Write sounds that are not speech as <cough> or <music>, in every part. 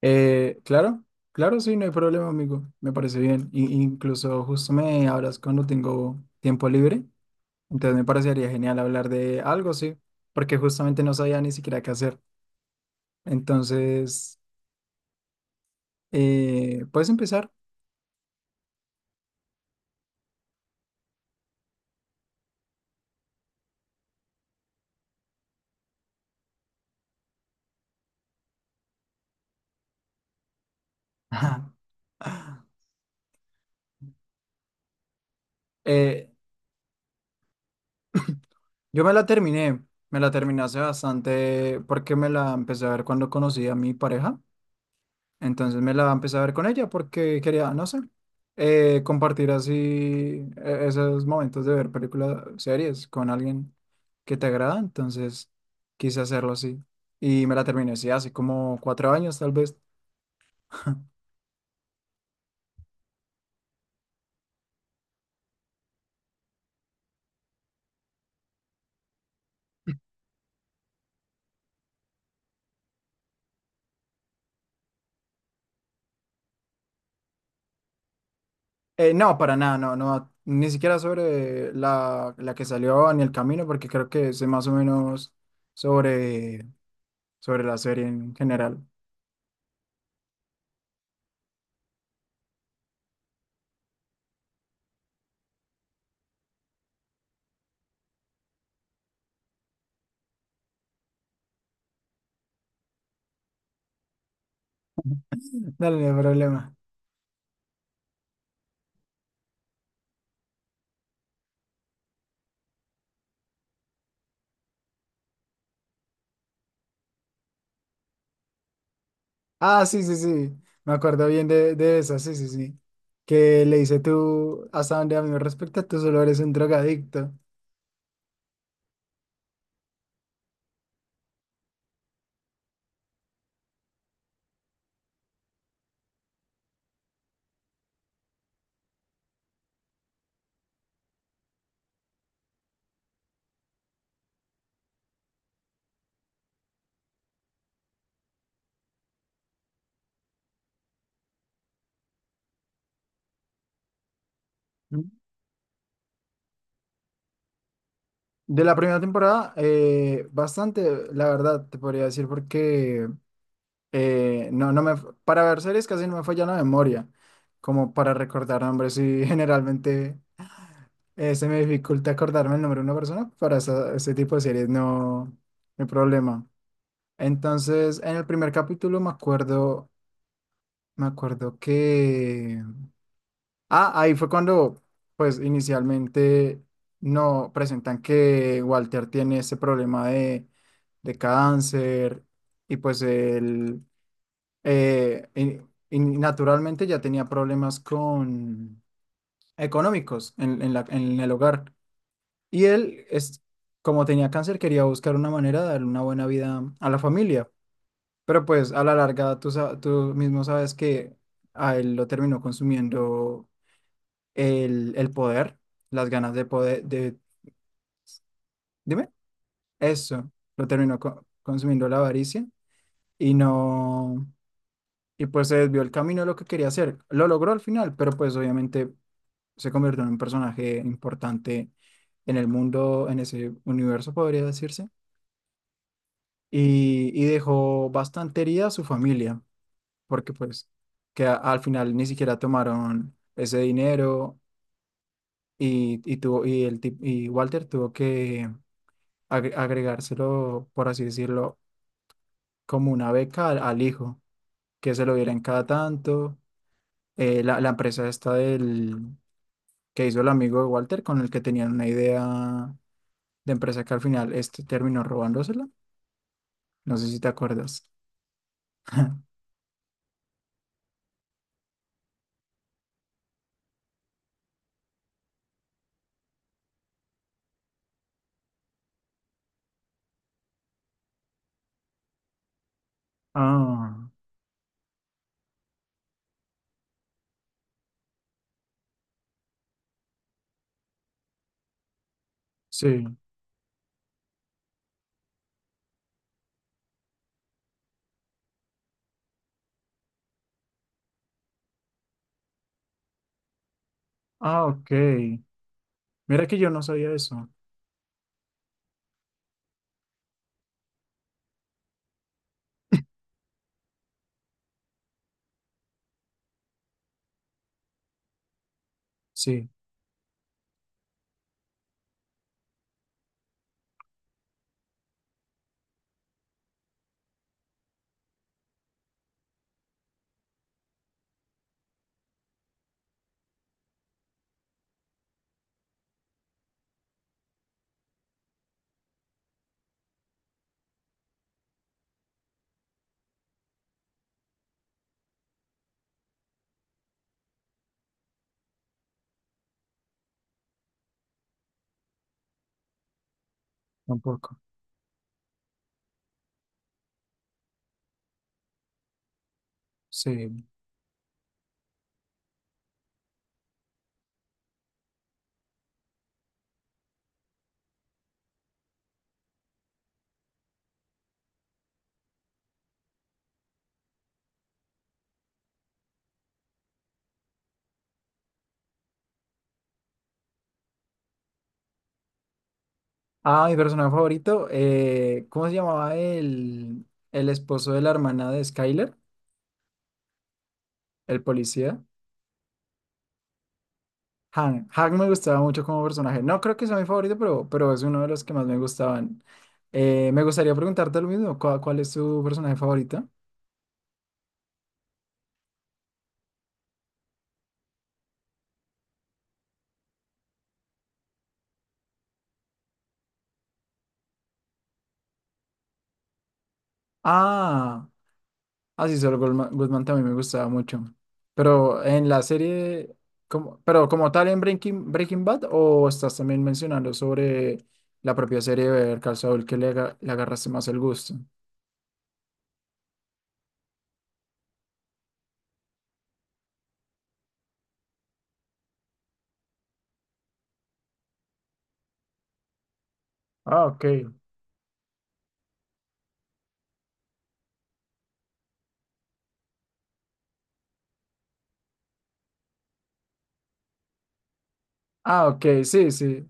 Claro, claro, sí, no hay problema, amigo. Me parece bien. Incluso justo me hablas cuando tengo tiempo libre. Entonces me parecería genial hablar de algo, sí, porque justamente no sabía ni siquiera qué hacer. Entonces, ¿puedes empezar? <laughs> Eh, yo me la terminé. Me la terminé hace bastante porque me la empecé a ver cuando conocí a mi pareja. Entonces me la empecé a ver con ella porque quería, no sé, compartir así esos momentos de ver películas, series con alguien que te agrada. Entonces quise hacerlo así. Y me la terminé, sí, hace como 4 años tal vez. No, para nada, no, no, ni siquiera sobre la que salió ni el camino, porque creo que sé más o menos sobre, sobre la serie en general. <laughs> Dale, no hay problema. Ah, sí, sí, sí. Me acuerdo bien de eso, sí, sí, sí. Que le dice tú, hasta donde a mí me respecta, tú solo eres un drogadicto. Mm. De la primera temporada, bastante, la verdad, te podría decir, porque no, no me, para ver series casi no me falla la memoria, como para recordar nombres y <laughs> generalmente se me dificulta acordarme el nombre de una persona, para ese tipo de series no, no hay problema. Entonces, en el primer capítulo me acuerdo que... Ah, ahí fue cuando, pues inicialmente no presentan que Walter tiene ese problema de cáncer y pues él eh, y- y naturalmente ya tenía problemas con económicos en el hogar. Y él, como tenía cáncer, quería buscar una manera de darle una buena vida a la familia. Pero pues a la larga tú mismo sabes que a él lo terminó consumiendo el poder, las ganas de poder, dime, eso, lo terminó consumiendo la avaricia y no, y pues se desvió el camino de lo que quería hacer. Lo logró al final, pero pues obviamente se convirtió en un personaje importante en el mundo, en ese universo, podría decirse, y dejó bastante herida a su familia, porque pues al final ni siquiera tomaron ese dinero. Y, tuvo, y, el, tip- y Walter tuvo que, agregárselo, por así decirlo, como una beca al hijo, que se lo dieran cada tanto. La empresa esta del que hizo el amigo de Walter, con el que tenían una idea de empresa que al final este terminó robándosela. No sé si te acuerdas. <laughs> Ah, sí. Ah, ok. Mira que yo no sabía eso. Sí, tampoco. Sí. Ah, mi personaje favorito, ¿cómo se llamaba el esposo de la hermana de Skyler? El policía. Han. Han me gustaba mucho como personaje. No creo que sea mi favorito, pero, es uno de los que más me gustaban. Me gustaría preguntarte lo mismo. ¿Cuál es tu personaje favorito? Ah, así solo Goldman, Goodman también me gustaba mucho. Pero en la serie, pero como tal en Breaking Bad, o estás también mencionando sobre la propia serie de Better Call Saul que le agarraste más el gusto. Ah, ok. Ah, ok, sí, sí.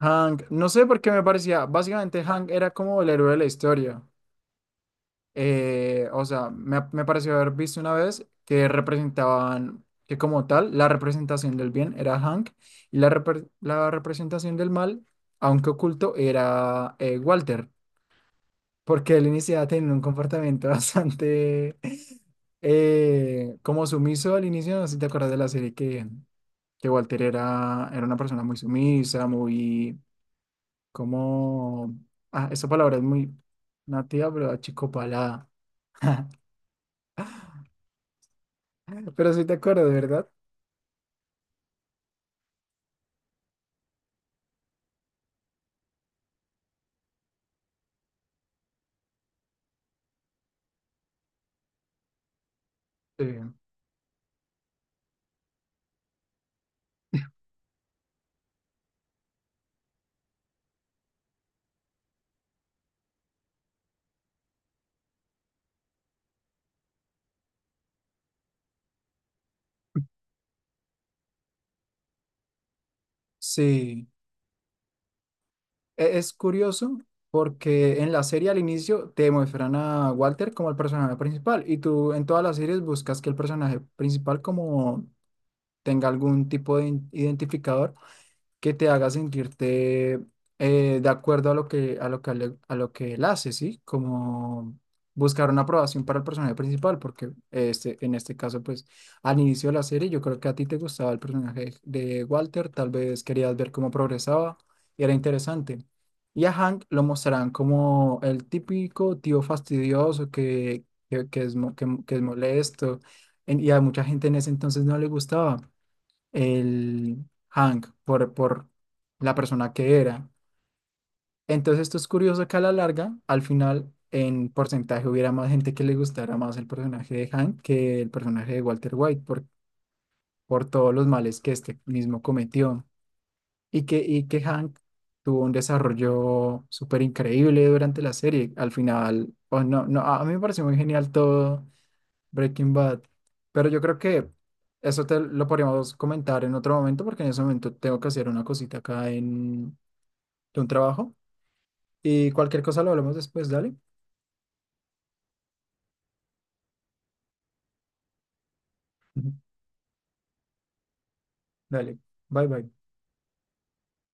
Hank, no sé por qué me parecía, básicamente Hank era como el héroe de la historia. O sea, me pareció haber visto una vez que representaban, que como tal, la representación del bien era Hank y la representación del mal, aunque oculto, era Walter, porque él iniciaba teniendo un comportamiento <laughs> bastante como sumiso al inicio, no sé si te acuerdas de la serie que Walter era una persona muy sumisa, muy... Como, ah, esa palabra es muy nativa, pero achicopalada. <laughs> Pero sí te acuerdas, ¿verdad? Sí. Sí. Es curioso porque en la serie al inicio te muestran a Walter como el personaje principal y tú en todas las series buscas que el personaje principal como tenga algún tipo de identificador que te haga sentirte de acuerdo a lo que él hace, ¿sí? Como buscar una aprobación para el personaje principal, porque este, en este caso, pues, al inicio de la serie, yo creo que a ti te gustaba el personaje de Walter, tal vez querías ver cómo progresaba y era interesante. Y a Hank lo mostrarán como el típico tío fastidioso que es molesto, y a mucha gente en ese entonces no le gustaba el Hank, por la persona que era. Entonces esto es curioso que a la larga, al final, en porcentaje hubiera más gente que le gustara más el personaje de Hank que el personaje de Walter White por todos los males que este mismo cometió. Y que Hank tuvo un desarrollo súper increíble durante la serie. Al final, oh, no, no, a mí me pareció muy genial todo Breaking Bad. Pero yo creo que eso te lo podríamos comentar en otro momento, porque en ese momento tengo que hacer una cosita acá en de un trabajo. Y cualquier cosa lo hablamos después, dale. Ujú. Dale. Bye bye.